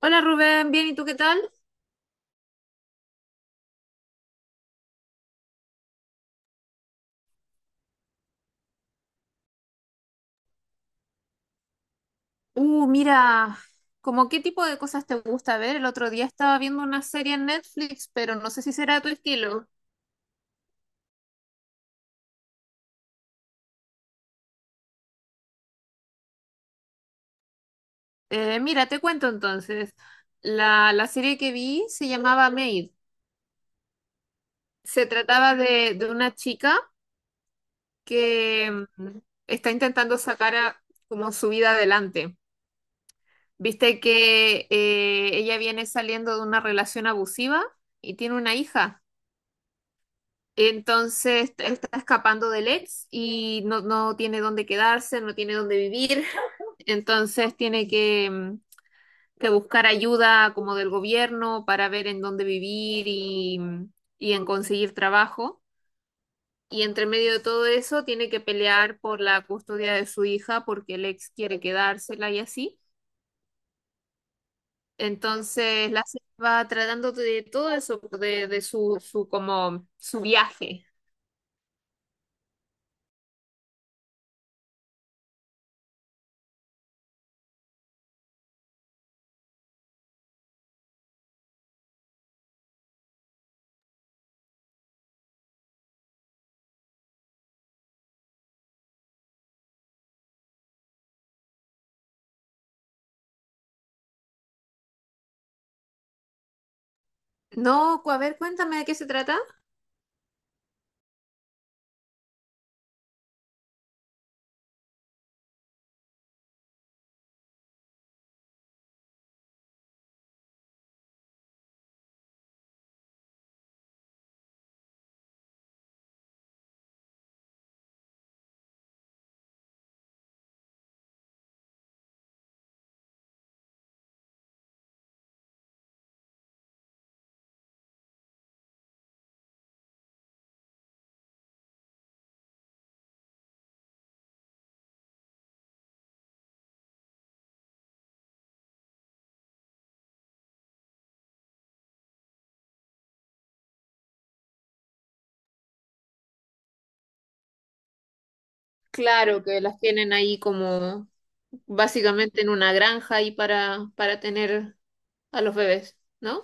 Hola Rubén, bien, ¿y tú qué tal? Mira, ¿como qué tipo de cosas te gusta ver? El otro día estaba viendo una serie en Netflix, pero no sé si será tu estilo. Mira, te cuento entonces. La serie que vi se llamaba Maid. Se trataba de una chica que mm, está intentando sacar como su vida adelante. Viste que ella viene saliendo de una relación abusiva y tiene una hija. Entonces él está escapando del ex y no tiene dónde quedarse, no tiene dónde vivir. Entonces tiene que buscar ayuda como del gobierno para ver en dónde vivir y en conseguir trabajo. Y entre medio de todo eso tiene que pelear por la custodia de su hija porque el ex quiere quedársela y así. Entonces la serie va tratando de todo eso, de su viaje. No, a ver, cuéntame de qué se trata. Claro que las tienen ahí como básicamente en una granja ahí para tener a los bebés, ¿no?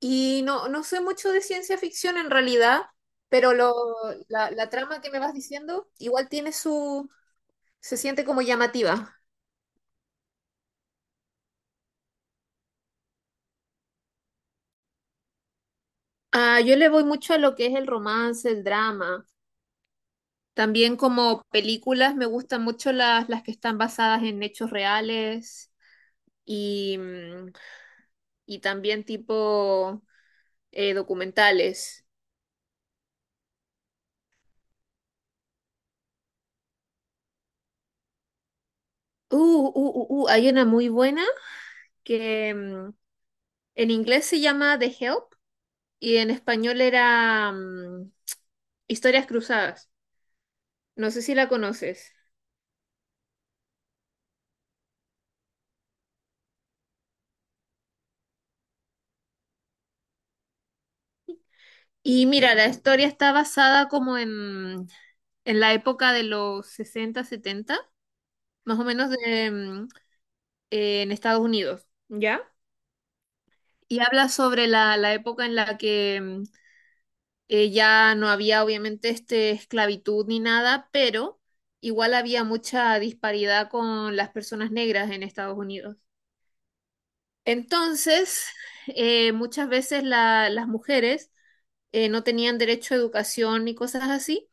Y no sé mucho de ciencia ficción en realidad, pero la trama que me vas diciendo igual tiene se siente como llamativa. Ah, yo le voy mucho a lo que es el romance, el drama. También como películas me gustan mucho las que están basadas en hechos reales y, mm, y también tipo documentales. Hay una muy buena que en inglés se llama The Help y en español era Historias Cruzadas. No sé si la conoces. Y mira, la historia está basada como en la época de los 60 70, más o menos en Estados Unidos, ¿ya? Y habla sobre la época en la que ya no había obviamente esclavitud ni nada, pero igual había mucha disparidad con las personas negras en Estados Unidos. Entonces, muchas veces las mujeres no tenían derecho a educación ni cosas así,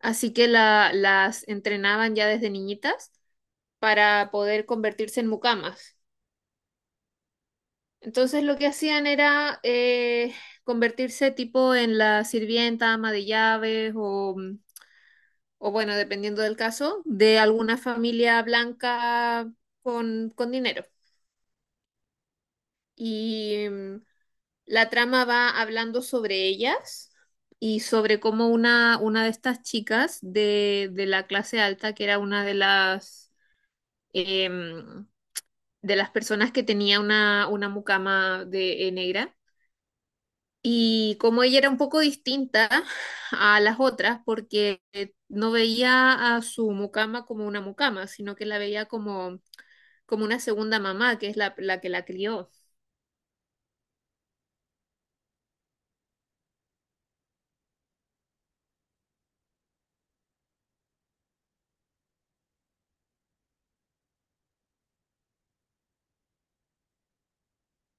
así que las entrenaban ya desde niñitas para poder convertirse en mucamas. Entonces lo que hacían era convertirse tipo en la sirvienta, ama de llaves o bueno, dependiendo del caso, de alguna familia blanca con dinero. Y la trama va hablando sobre ellas y sobre cómo una de estas chicas de la clase alta, que era una em, de las personas que tenía una mucama negra. Y como ella era un poco distinta a las otras, porque no veía a su mucama como una mucama, sino que la veía como una segunda mamá, que es la que la crió.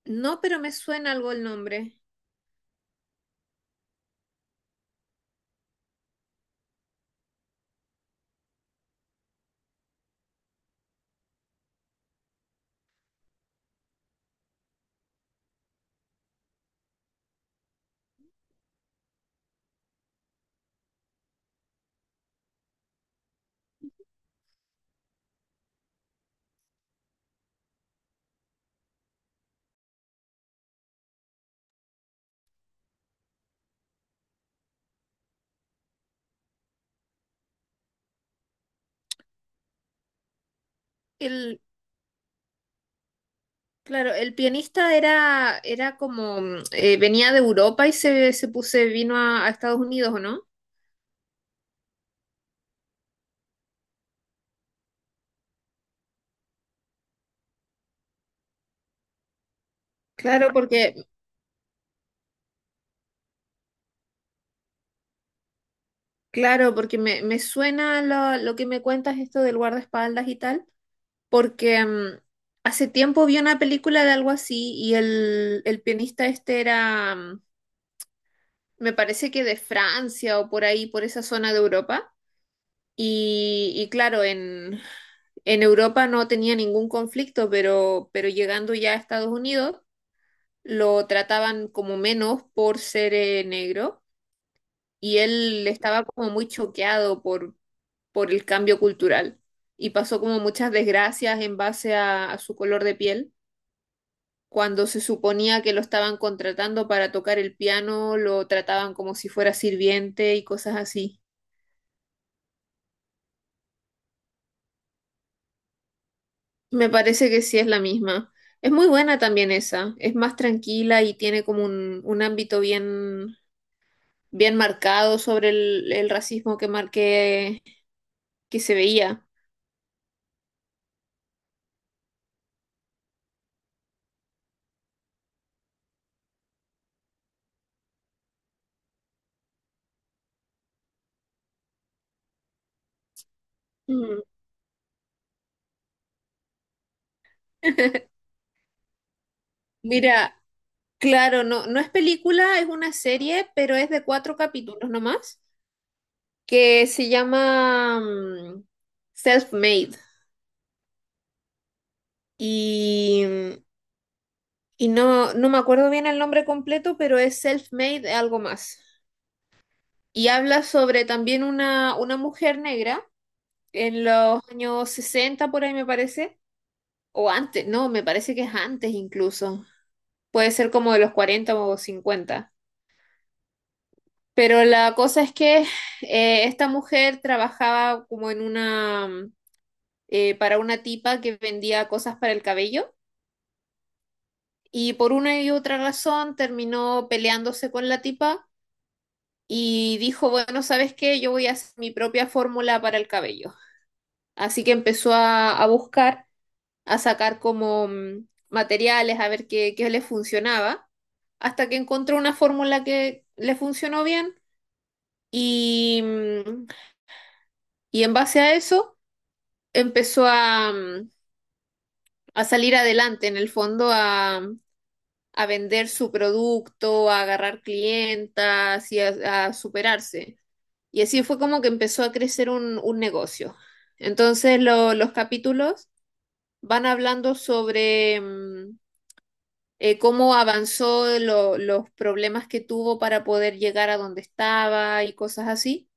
No, pero me suena algo el nombre. El, claro, el pianista era como, venía de Europa y vino a Estados Unidos, ¿o no? Claro, porque, claro, porque me suena lo que me cuentas esto del guardaespaldas y tal. Porque hace tiempo vi una película de algo así y el pianista este era, me parece que de Francia o por ahí, por esa zona de Europa. Y claro, en Europa no tenía ningún conflicto, pero llegando ya a Estados Unidos lo trataban como menos por ser negro, y él estaba como muy choqueado por el cambio cultural y pasó como muchas desgracias en base a su color de piel. Cuando se suponía que lo estaban contratando para tocar el piano, lo trataban como si fuera sirviente y cosas así. Me parece que sí es la misma. Es muy buena también esa. Es más tranquila y tiene como un ámbito bien marcado sobre el racismo que se veía. Mm. Mira, claro, no es película, es una serie, pero es de cuatro capítulos nomás, que se llama Self-Made. Y, y no me acuerdo bien el nombre completo, pero es Self-Made algo más. Y habla sobre también una mujer negra en los años 60 por ahí me parece, o antes, no, me parece que es antes incluso. Puede ser como de los 40 o cincuenta. Pero la cosa es que esta mujer trabajaba como para una tipa que vendía cosas para el cabello y por una y otra razón terminó peleándose con la tipa y dijo, bueno, ¿sabes qué? Yo voy a hacer mi propia fórmula para el cabello. Así que empezó a buscar, a sacar como materiales, a ver qué le funcionaba, hasta que encontró una fórmula que le funcionó bien y, mm, y en base a eso empezó a salir adelante, en el fondo, a vender su producto, a agarrar clientas y a superarse. Y así fue como que empezó a crecer un negocio. Entonces los capítulos van hablando sobre cómo avanzó, los problemas que tuvo para poder llegar a donde estaba y cosas así.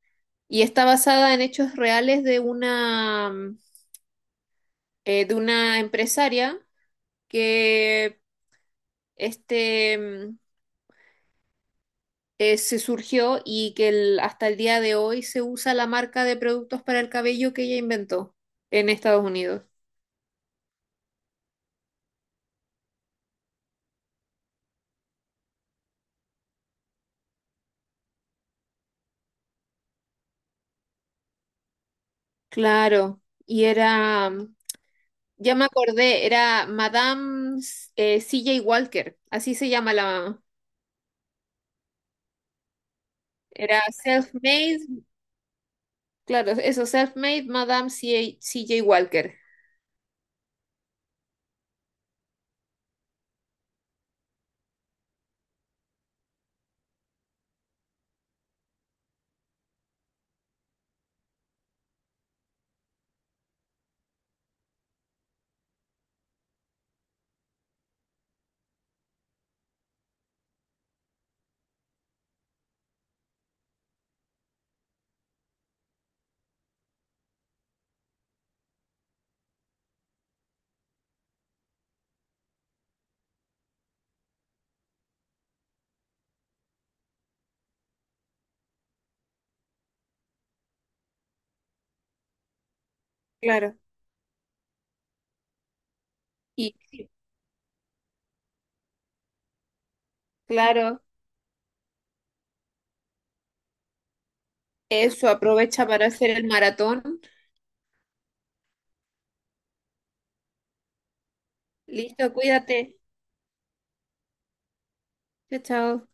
Y está basada en hechos reales de una empresaria que este, mm, se surgió y hasta el día de hoy se usa la marca de productos para el cabello que ella inventó en Estados Unidos. Claro, y era, ya me acordé, era Madame CJ Walker, así se llama la, era self-made, claro, eso, self-made Madame CJ Walker. Claro. Y sí, claro, eso, aprovecha para hacer el maratón. Listo, cuídate. Chao, chao.